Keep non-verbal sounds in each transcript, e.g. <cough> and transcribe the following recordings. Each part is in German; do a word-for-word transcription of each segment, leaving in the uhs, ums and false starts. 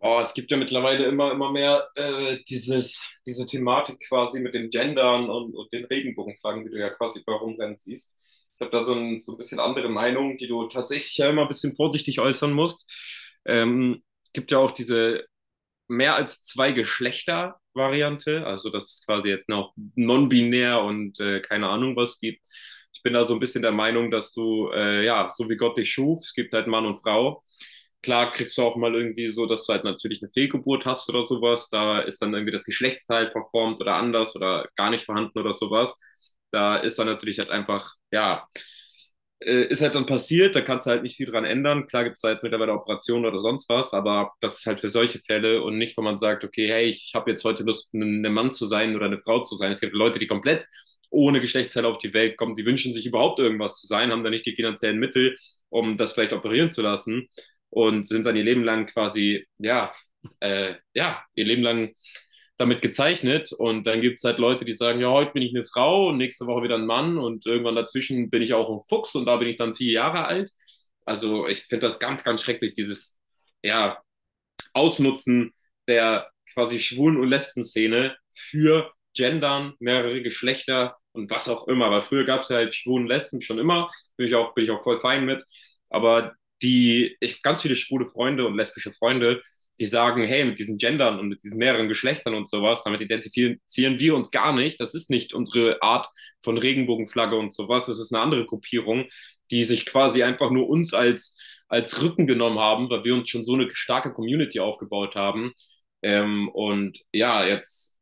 Oh, es gibt ja mittlerweile immer, immer mehr äh, dieses, diese Thematik quasi mit dem Gendern und, und den Regenbogenflaggen, die du ja quasi bei rumrennen siehst. Ich habe da so ein, so ein bisschen andere Meinung, die du tatsächlich ja immer ein bisschen vorsichtig äußern musst. Ähm, Gibt ja auch diese mehr als zwei Geschlechter-Variante, also dass es quasi jetzt noch non-binär und äh, keine Ahnung was gibt. Ich bin da so ein bisschen der Meinung, dass du, äh, ja, so wie Gott dich schuf, es gibt halt Mann und Frau. Klar kriegst du auch mal irgendwie so, dass du halt natürlich eine Fehlgeburt hast oder sowas. Da ist dann irgendwie das Geschlechtsteil verformt oder anders oder gar nicht vorhanden oder sowas. Da ist dann natürlich halt einfach, ja, äh, ist halt dann passiert, da kannst du halt nicht viel dran ändern. Klar gibt es halt mittlerweile Operationen oder sonst was, aber das ist halt für solche Fälle und nicht, wo man sagt, okay, hey, ich habe jetzt heute Lust, ein ein Mann zu sein oder eine Frau zu sein. Es gibt Leute, die komplett ohne Geschlechtsteile auf die Welt kommen, die wünschen sich überhaupt irgendwas zu sein, haben dann nicht die finanziellen Mittel, um das vielleicht operieren zu lassen und sind dann ihr Leben lang quasi, ja, äh, ja, ihr Leben lang damit gezeichnet. Und dann gibt es halt Leute, die sagen, ja, heute bin ich eine Frau und nächste Woche wieder ein Mann und irgendwann dazwischen bin ich auch ein Fuchs und da bin ich dann vier Jahre alt. Also ich finde das ganz, ganz schrecklich, dieses, ja, Ausnutzen der quasi Schwulen- und Lesben-Szene für Gendern, mehrere Geschlechter und was auch immer. Weil früher gab es halt Schwulen und Lesben schon immer, bin ich, auch, bin ich auch voll fein mit. Aber die, ich ganz viele schwule Freunde und lesbische Freunde, die sagen, hey, mit diesen Gendern und mit diesen mehreren Geschlechtern und sowas, damit identifizieren wir uns gar nicht. Das ist nicht unsere Art von Regenbogenflagge und sowas. Das ist eine andere Gruppierung, die sich quasi einfach nur uns als als Rücken genommen haben, weil wir uns schon so eine starke Community aufgebaut haben. Ähm, und ja, jetzt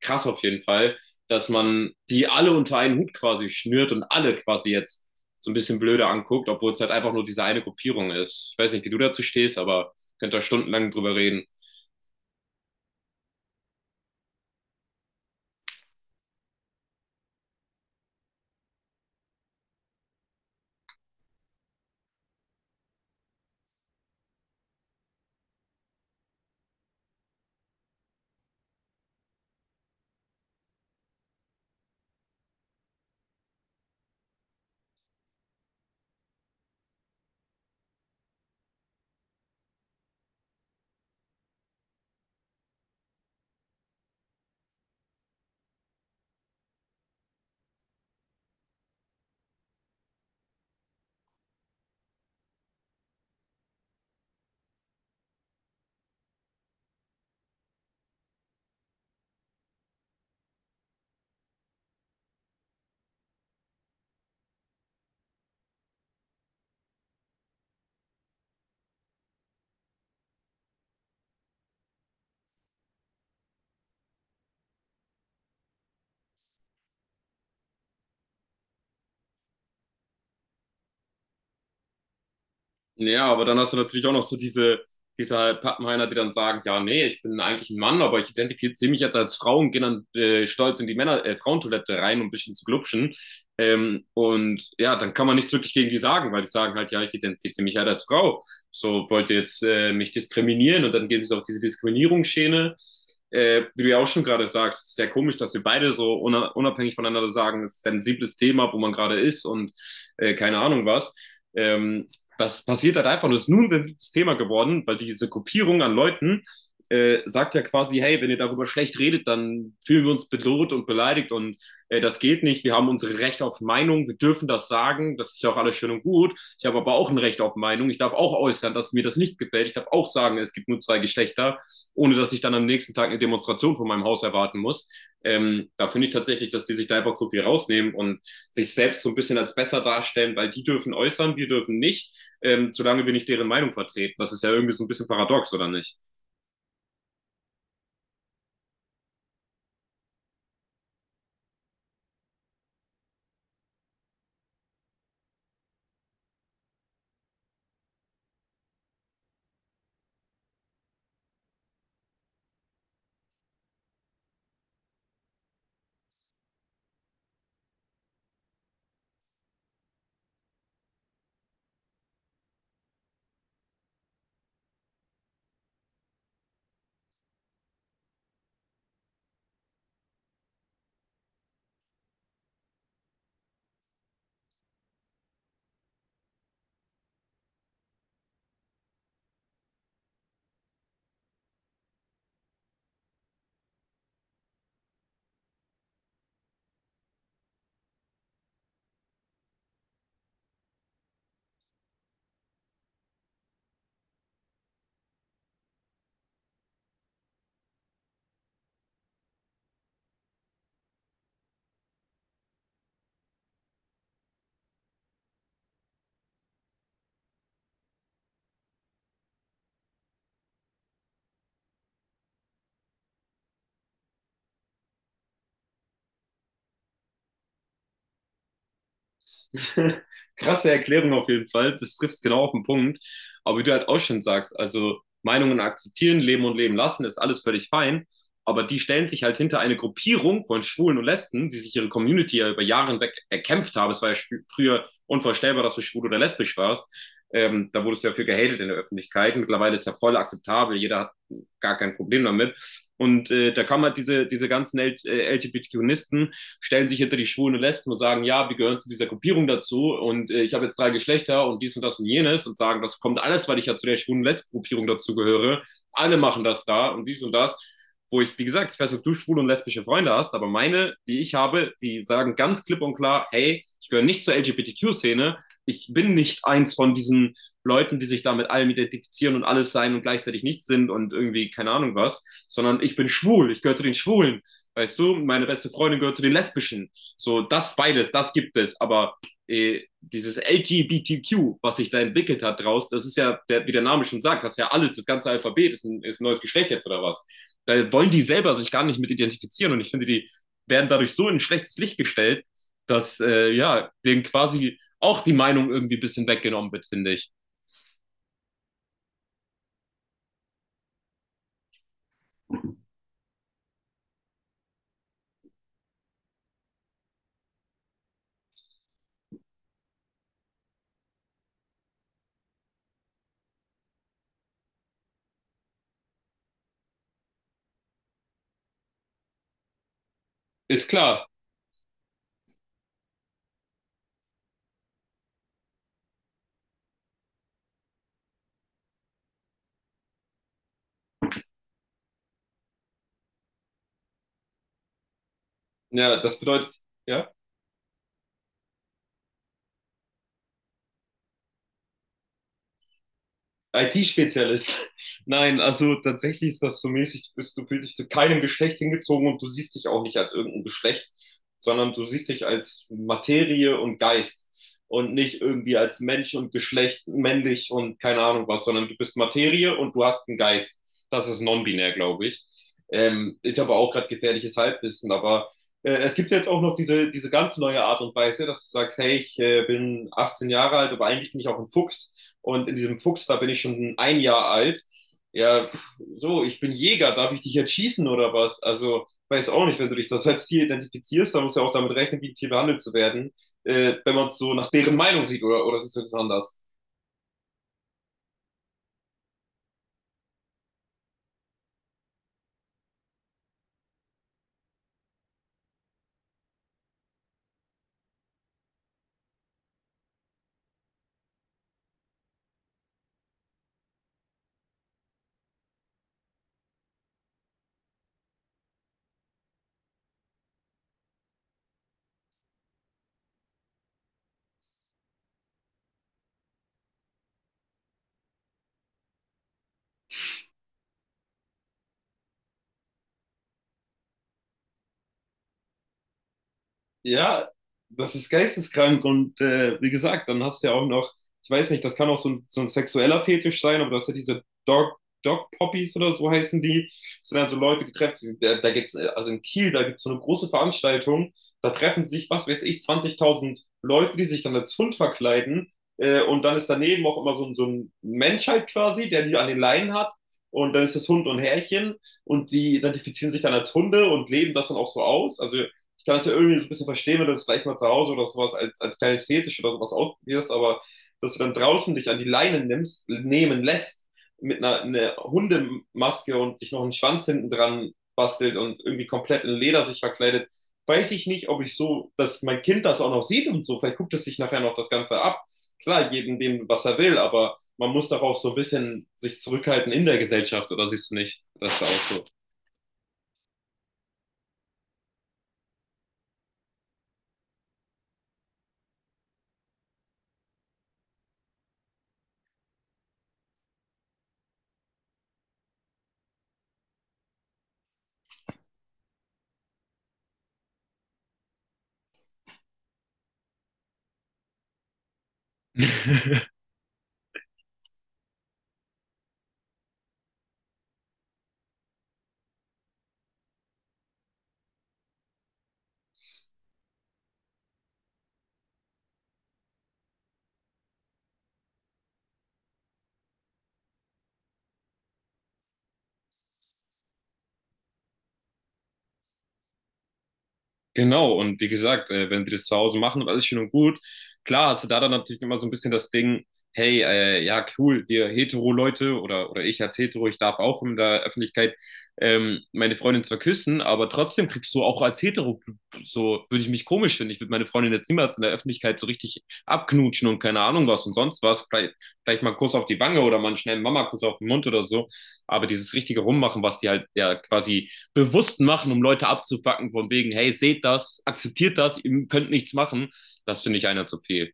krass auf jeden Fall, dass man die alle unter einen Hut quasi schnürt und alle quasi jetzt so ein bisschen blöder anguckt, obwohl es halt einfach nur diese eine Gruppierung ist. Ich weiß nicht, wie du dazu stehst, aber könnt da stundenlang drüber reden. Ja, aber dann hast du natürlich auch noch so diese, diese halt Pappenheimer, die dann sagen, ja, nee, ich bin eigentlich ein Mann, aber ich identifiziere mich jetzt als Frau und gehe dann äh, stolz in die Männer, äh, Frauentoilette rein, um ein bisschen zu glupschen. Ähm, und ja, dann kann man nichts wirklich gegen die sagen, weil die sagen halt, ja, ich identifiziere mich halt als Frau. So, wollt ihr jetzt äh, mich diskriminieren? Und dann geht es auf diese Diskriminierungsschiene. Äh, wie du ja auch schon gerade sagst, es ist sehr komisch, dass wir beide so una- unabhängig voneinander sagen, es ist ein sensibles Thema, wo man gerade ist und äh, keine Ahnung was. Ähm, Was passiert halt einfach. Und es ist nun ein sensibles Thema geworden, weil diese Gruppierung an Leuten äh, sagt ja quasi, hey, wenn ihr darüber schlecht redet, dann fühlen wir uns bedroht und beleidigt und äh, das geht nicht. Wir haben unsere Rechte auf Meinung, wir dürfen das sagen, das ist ja auch alles schön und gut. Ich habe aber auch ein Recht auf Meinung. Ich darf auch äußern, dass mir das nicht gefällt. Ich darf auch sagen, es gibt nur zwei Geschlechter, ohne dass ich dann am nächsten Tag eine Demonstration von meinem Haus erwarten muss. Ähm, da finde ich tatsächlich, dass die sich da einfach zu viel rausnehmen und sich selbst so ein bisschen als besser darstellen, weil die dürfen äußern, wir dürfen nicht ähm, solange wir nicht deren Meinung vertreten. Das ist ja irgendwie so ein bisschen paradox, oder nicht? <laughs> Krasse Erklärung auf jeden Fall. Das trifft es genau auf den Punkt. Aber wie du halt auch schon sagst, also Meinungen akzeptieren, leben und leben lassen, ist alles völlig fein. Aber die stellen sich halt hinter eine Gruppierung von Schwulen und Lesben, die sich ihre Community ja über Jahre hinweg erkämpft haben. Es war ja früher unvorstellbar, dass du schwul oder lesbisch warst. Ähm, da wurde es ja für gehatet in der Öffentlichkeit. Mittlerweile ist ja voll akzeptabel. Jeder hat gar kein Problem damit. Und äh, da kann man halt diese, diese ganzen LGBTQisten stellen sich hinter die schwulen und Lesben und sagen, ja, wir gehören zu dieser Gruppierung dazu und äh, ich habe jetzt drei Geschlechter und dies und das und jenes und sagen, das kommt alles, weil ich ja zu der schwulen und Lesben-Gruppierung dazugehöre. Alle machen das da und dies und das. Wo ich, wie gesagt, ich weiß nicht, ob du schwule und lesbische Freunde hast, aber meine, die ich habe, die sagen ganz klipp und klar, hey, ich gehöre nicht zur L G B T Q-Szene, ich bin nicht eins von diesen Leuten, die sich da mit allem identifizieren und alles sein und gleichzeitig nichts sind und irgendwie keine Ahnung was, sondern ich bin schwul, ich gehöre zu den Schwulen. Weißt du, meine beste Freundin gehört zu den Lesbischen. So, das beides, das gibt es. Aber äh, dieses L G B T Q, was sich da entwickelt hat draus, das ist ja, der, wie der Name schon sagt, das ist ja alles, das ganze Alphabet ist ein, ist ein neues Geschlecht jetzt oder was. Da wollen die selber sich gar nicht mit identifizieren und ich finde, die werden dadurch so in ein schlechtes Licht gestellt, dass äh, ja, denen quasi auch die Meinung irgendwie ein bisschen weggenommen wird, finde ich. Ist klar. Ja, das bedeutet, ja. I T-Spezialist. <laughs> Nein, also tatsächlich ist das so mäßig, du bist, du fühlst dich zu keinem Geschlecht hingezogen und du siehst dich auch nicht als irgendein Geschlecht, sondern du siehst dich als Materie und Geist und nicht irgendwie als Mensch und Geschlecht, männlich und keine Ahnung was, sondern du bist Materie und du hast einen Geist. Das ist non-binär, glaube ich. Ähm, ist aber auch gerade gefährliches Halbwissen, aber äh, es gibt ja jetzt auch noch diese, diese ganz neue Art und Weise, dass du sagst, hey, ich äh, bin achtzehn Jahre alt, aber eigentlich bin ich auch ein Fuchs. Und in diesem Fuchs, da bin ich schon ein Jahr alt. Ja, pff, so, ich bin Jäger, darf ich dich jetzt schießen oder was? Also, weiß auch nicht, wenn du dich das als Tier identifizierst, dann musst du ja auch damit rechnen, wie ein Tier behandelt zu werden, äh, wenn man es so nach deren Meinung sieht oder, oder siehst du das anders? Ja, das ist geisteskrank und äh, wie gesagt, dann hast du ja auch noch, ich weiß nicht, das kann auch so ein, so ein sexueller Fetisch sein, aber du hast ja diese Dog, Dog Poppies oder so heißen die. Das sind halt so Leute getrefft, die- da, da gibt's, äh, also in Kiel, da gibt's so eine große Veranstaltung, da treffen sich, was weiß ich, zwanzigtausend Leute, die sich dann als Hund verkleiden äh, und dann ist daneben auch immer so, ein- so ein Mensch halt quasi, der die an den Leinen hat und dann ist das Hund und Herrchen und die identifizieren sich dann als Hunde und leben das dann auch so aus, also ich kann das ja irgendwie so ein bisschen verstehen, wenn du das vielleicht mal zu Hause oder sowas als, als kleines Fetisch oder sowas ausprobierst, aber dass du dann draußen dich an die Leine nimmst, nehmen lässt, mit einer, einer Hundemaske und sich noch einen Schwanz hinten dran bastelt und irgendwie komplett in Leder sich verkleidet, weiß ich nicht, ob ich so, dass mein Kind das auch noch sieht und so. Vielleicht guckt es sich nachher noch das Ganze ab. Klar, jedem dem, was er will, aber man muss doch auch so ein bisschen sich zurückhalten in der Gesellschaft, oder siehst du nicht, dass da auch so. <laughs> Genau, und wie gesagt, äh, wenn die das zu Hause machen und alles schön und gut, klar hast du da dann natürlich immer so ein bisschen das Ding, hey, äh, ja, cool, wir Hetero-Leute oder, oder ich als Hetero, ich darf auch in der Öffentlichkeit ähm, meine Freundin zwar küssen, aber trotzdem kriegst du auch als Hetero, so würde ich mich komisch finden, ich würde meine Freundin jetzt niemals in der Öffentlichkeit so richtig abknutschen und keine Ahnung was und sonst was, vielleicht, vielleicht mal einen Kuss auf die Wange oder mal einen schnellen Mama-Kuss auf den Mund oder so, aber dieses richtige Rummachen, was die halt ja quasi bewusst machen, um Leute abzupacken, von wegen, hey, seht das, akzeptiert das, ihr könnt nichts machen, das finde ich einer zu viel.